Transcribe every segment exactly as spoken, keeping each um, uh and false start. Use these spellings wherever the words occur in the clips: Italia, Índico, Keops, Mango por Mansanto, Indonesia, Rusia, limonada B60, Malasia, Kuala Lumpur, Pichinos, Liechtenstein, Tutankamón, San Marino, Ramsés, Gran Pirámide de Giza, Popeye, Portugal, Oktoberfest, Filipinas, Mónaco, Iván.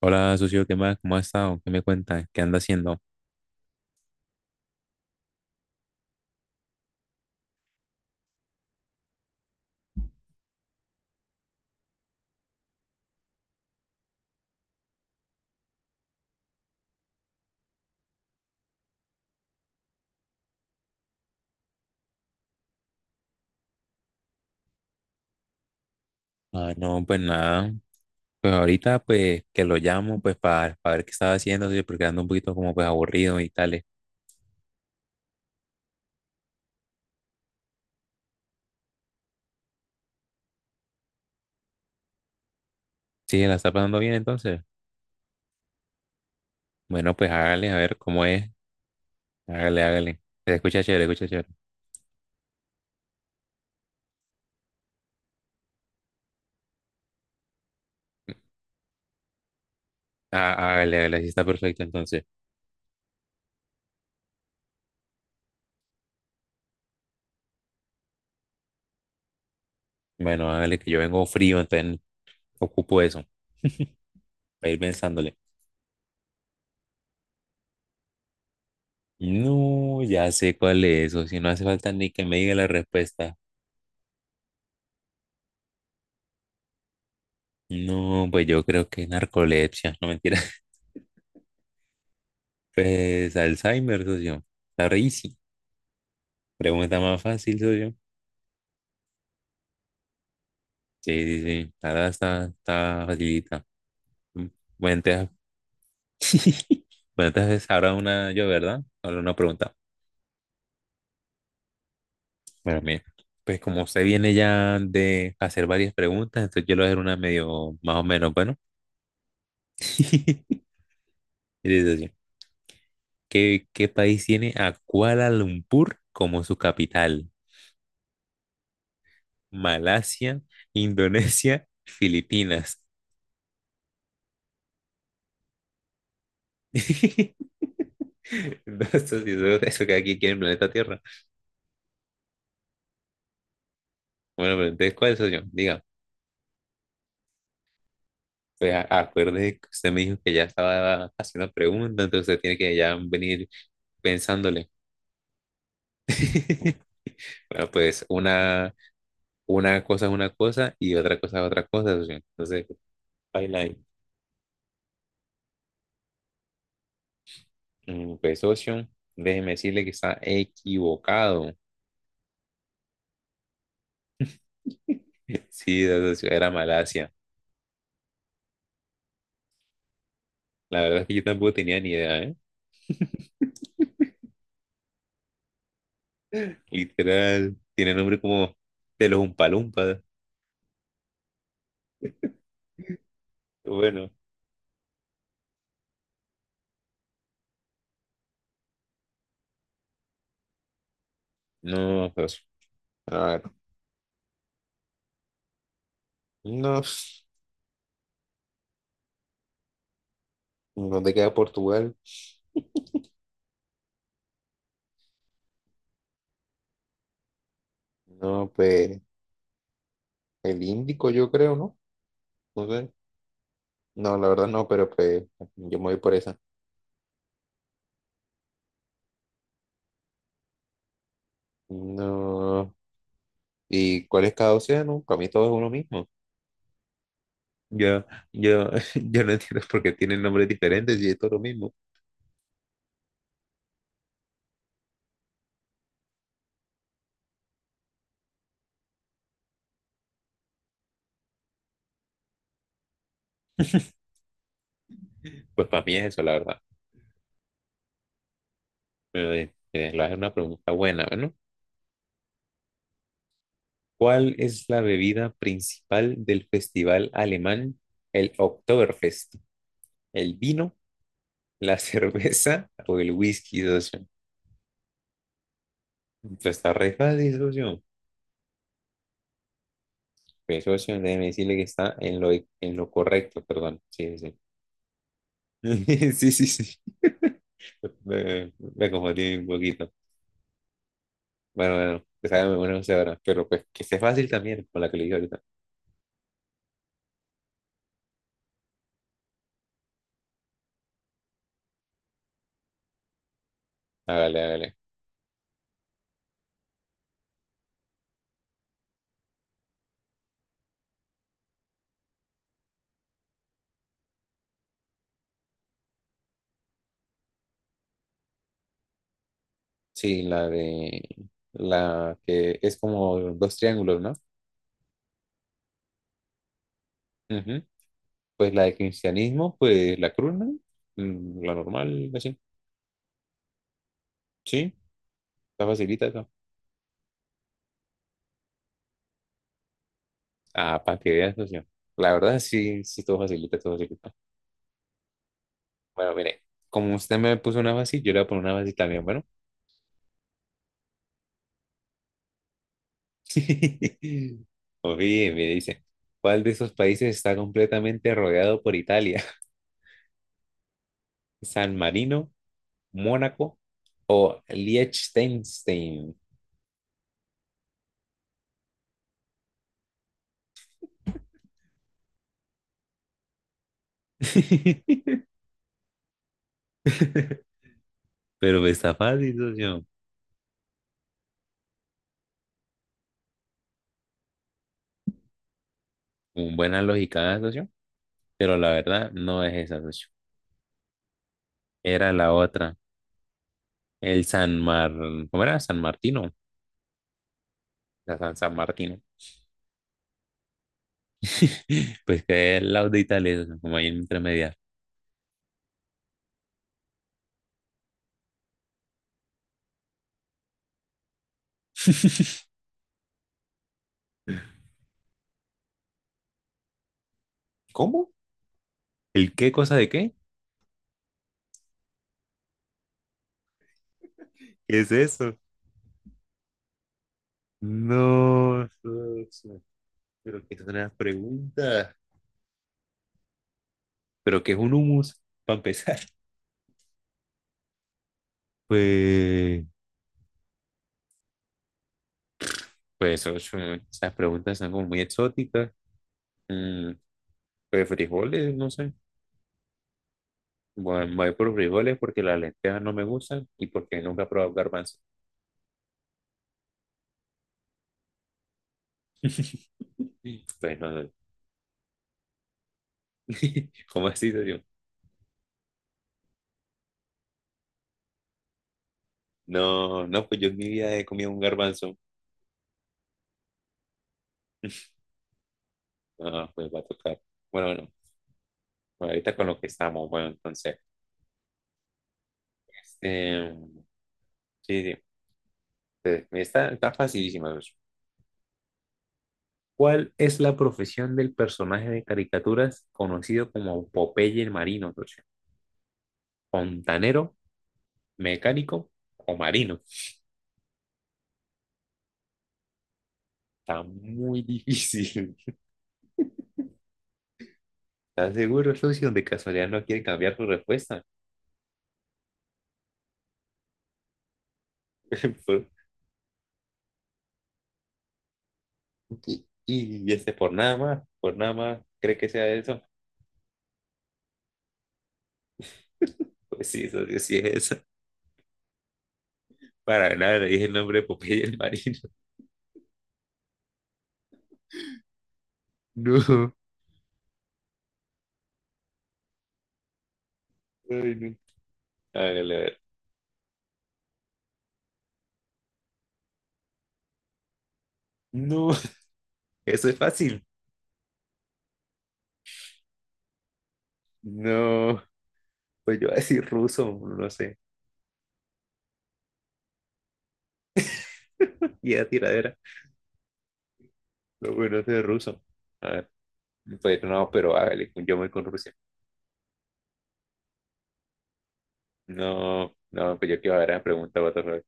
Hola, socio, ¿qué más? ¿Cómo has estado? ¿Qué me cuentas? ¿Qué anda haciendo? Ah, no, pues nada. Pues ahorita, pues, que lo llamo, pues, para, para ver qué estaba haciendo, socio, porque ando un poquito como, pues, aburrido y tales. Sí, ¿la está pasando bien entonces? Bueno, pues hágale, a ver cómo es. Hágale, hágale. Se escucha chévere, escucha chévere. Ah, hágale, hágale, así está perfecto entonces. Bueno, hágale, que yo vengo frío, entonces ocupo eso, para ir pensándole. No, ya sé cuál es, o si no hace falta ni que me diga la respuesta. No, pues yo creo que es narcolepsia, no mentira. Pues Alzheimer, socio. Está re easy. Pregunta más fácil, socio. Sí, sí, sí. Ahora está, está facilita. Mm. Bueno, entonces, bueno, entonces ahora una yo, ¿verdad? Ahora una pregunta. Bueno, mira. Pues como usted viene ya de hacer varias preguntas, entonces yo le voy a hacer una medio más o menos, bueno. Mire, socio, ¿Qué, qué país tiene a Kuala Lumpur como su capital? Malasia, Indonesia, Filipinas. Entonces esto sí eso que aquí quiere el planeta Tierra. Bueno, pero entonces, ¿cuál es soy yo? Diga, pues a- acuerde que usted me dijo que ya estaba haciendo preguntas, entonces usted tiene que ya venir pensándole. Bueno, pues una, una cosa es una cosa y otra cosa es otra cosa, socio. Entonces, baila ahí. Mm, Pues, socio, déjeme decirle que está equivocado. Sí, socio, era Malasia. La verdad es que yo tampoco tenía ni idea, ¿eh? Literal, tiene nombre como de los Umpalumpas. Bueno, no, pues, a ver, no, ¿dónde queda Portugal? No, pues, el Índico, yo creo, ¿no? No sé. No, la verdad no, pero pues, yo me voy por esa. No, ¿y cuál es cada océano? Para mí todo es uno mismo. Yo, yo, yo no entiendo por qué tienen nombres diferentes y es todo lo mismo. Pues para mí es eso, la verdad. Pero, eh, eh, la es una pregunta buena, ¿no? ¿Cuál es la bebida principal del festival alemán, el Oktoberfest? ¿El vino, la cerveza o el whisky, socio? Pues está re fácil, socio. Pues, socio, déjeme decirle que está en lo, en lo correcto, perdón. Sí, sí. Sí, sí, sí. Me, me confundí un poquito. Bueno, bueno, pues hágame una usted ahora. Pero pues que sea fácil también, con la que le dije ahorita. Hágale, hágale. Sí, la de... La que es como dos triángulos, ¿no? Ujú. Pues la de cristianismo, pues la cruz, ¿no? Mm, La normal, así. Sí, está facilita esa. Ah, para que veas, socio. La verdad, sí, sí, todo facilita, todo facilita. Bueno, mire, como usted me puso una fácil, yo le voy a poner una fácil también, bueno. Oye, me dice, ¿cuál de esos países está completamente rodeado por Italia? ¿San Marino, Mónaco o Liechtenstein? Pero pues, está fácil, socio. Con buena lógica, ¿eh, socio? Pero la verdad no es esa, socio. Era la otra, el San Mar, ¿cómo era? San Martino, la San, San Martino. Pues que es el lado de Italia, socio, como ahí en intermedia. ¿Cómo? ¿El qué cosa de qué? ¿Qué es eso? No, socio, pero que es una pregunta. ¿Pero qué es un humus? Para empezar. Pues, pues socio, esas preguntas son como muy exóticas. Mm, pues frijoles, no sé. Bueno, me voy por frijoles porque las lentejas no me gustan y porque nunca he probado garbanzo. Pues no, no. ¿Cómo así, serio? No, no, pues yo en mi vida he comido un garbanzo. Ah, pues va a tocar. Bueno, bueno, bueno, ahorita con lo que estamos, bueno, entonces. Este, sí, sí. Entonces, está, está facilísima, pues. ¿Cuál es la profesión del personaje de caricaturas conocido como Popeye el Marino, socio? ¿Fontanero, mecánico o marino? Está muy difícil. ¿Estás seguro, socio? De casualidad no quiere cambiar su respuesta. Por- y, y este, por nada más, por nada más, ¿cree que sea eso? Pues sí, socio, sí es eso. Para nada, le dije el nombre de Popeye el marino. No, ay, no. Hágale, a ver. No, eso es fácil. No, pues yo voy a decir ruso, no sé. Y a tiradera. No, bueno, eso es ruso. A ver, pues no, pero hágale, yo voy con Rusia. No, no, pues yo quiero ver la pregunta otra vez.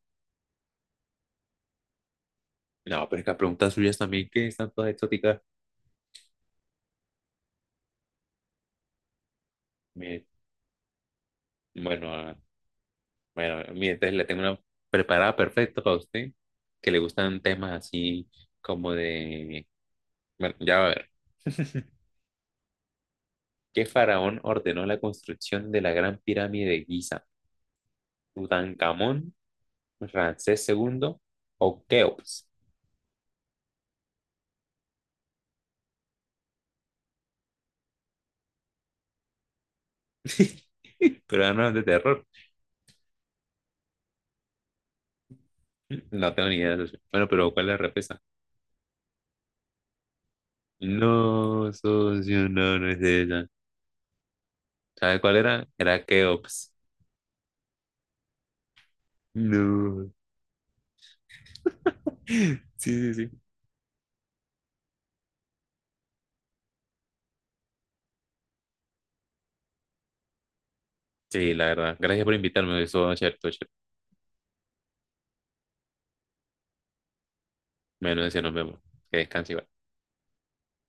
No, pero es que las preguntas suyas también, que están todas exóticas. Me bueno, ah, bueno, mire, entonces le tengo una preparada perfecta para usted, que le gustan temas así como de... Bueno, ya va a ver. ¿Qué faraón ordenó la construcción de la Gran Pirámide de Giza? ¿Tutankamón, Ramsés segundo o Keops? Pero no es de terror. No tengo ni idea, socio. Bueno, pero ¿cuál es la respuesta? No, socio, no, no es de ella. ¿Sabe cuál era? Era Keops. No. Sí, sí, sí. Sí, la verdad. Gracias por invitarme. Eso va a ser todo chévere. Bueno, decía, nos vemos. Que descanse, Iván.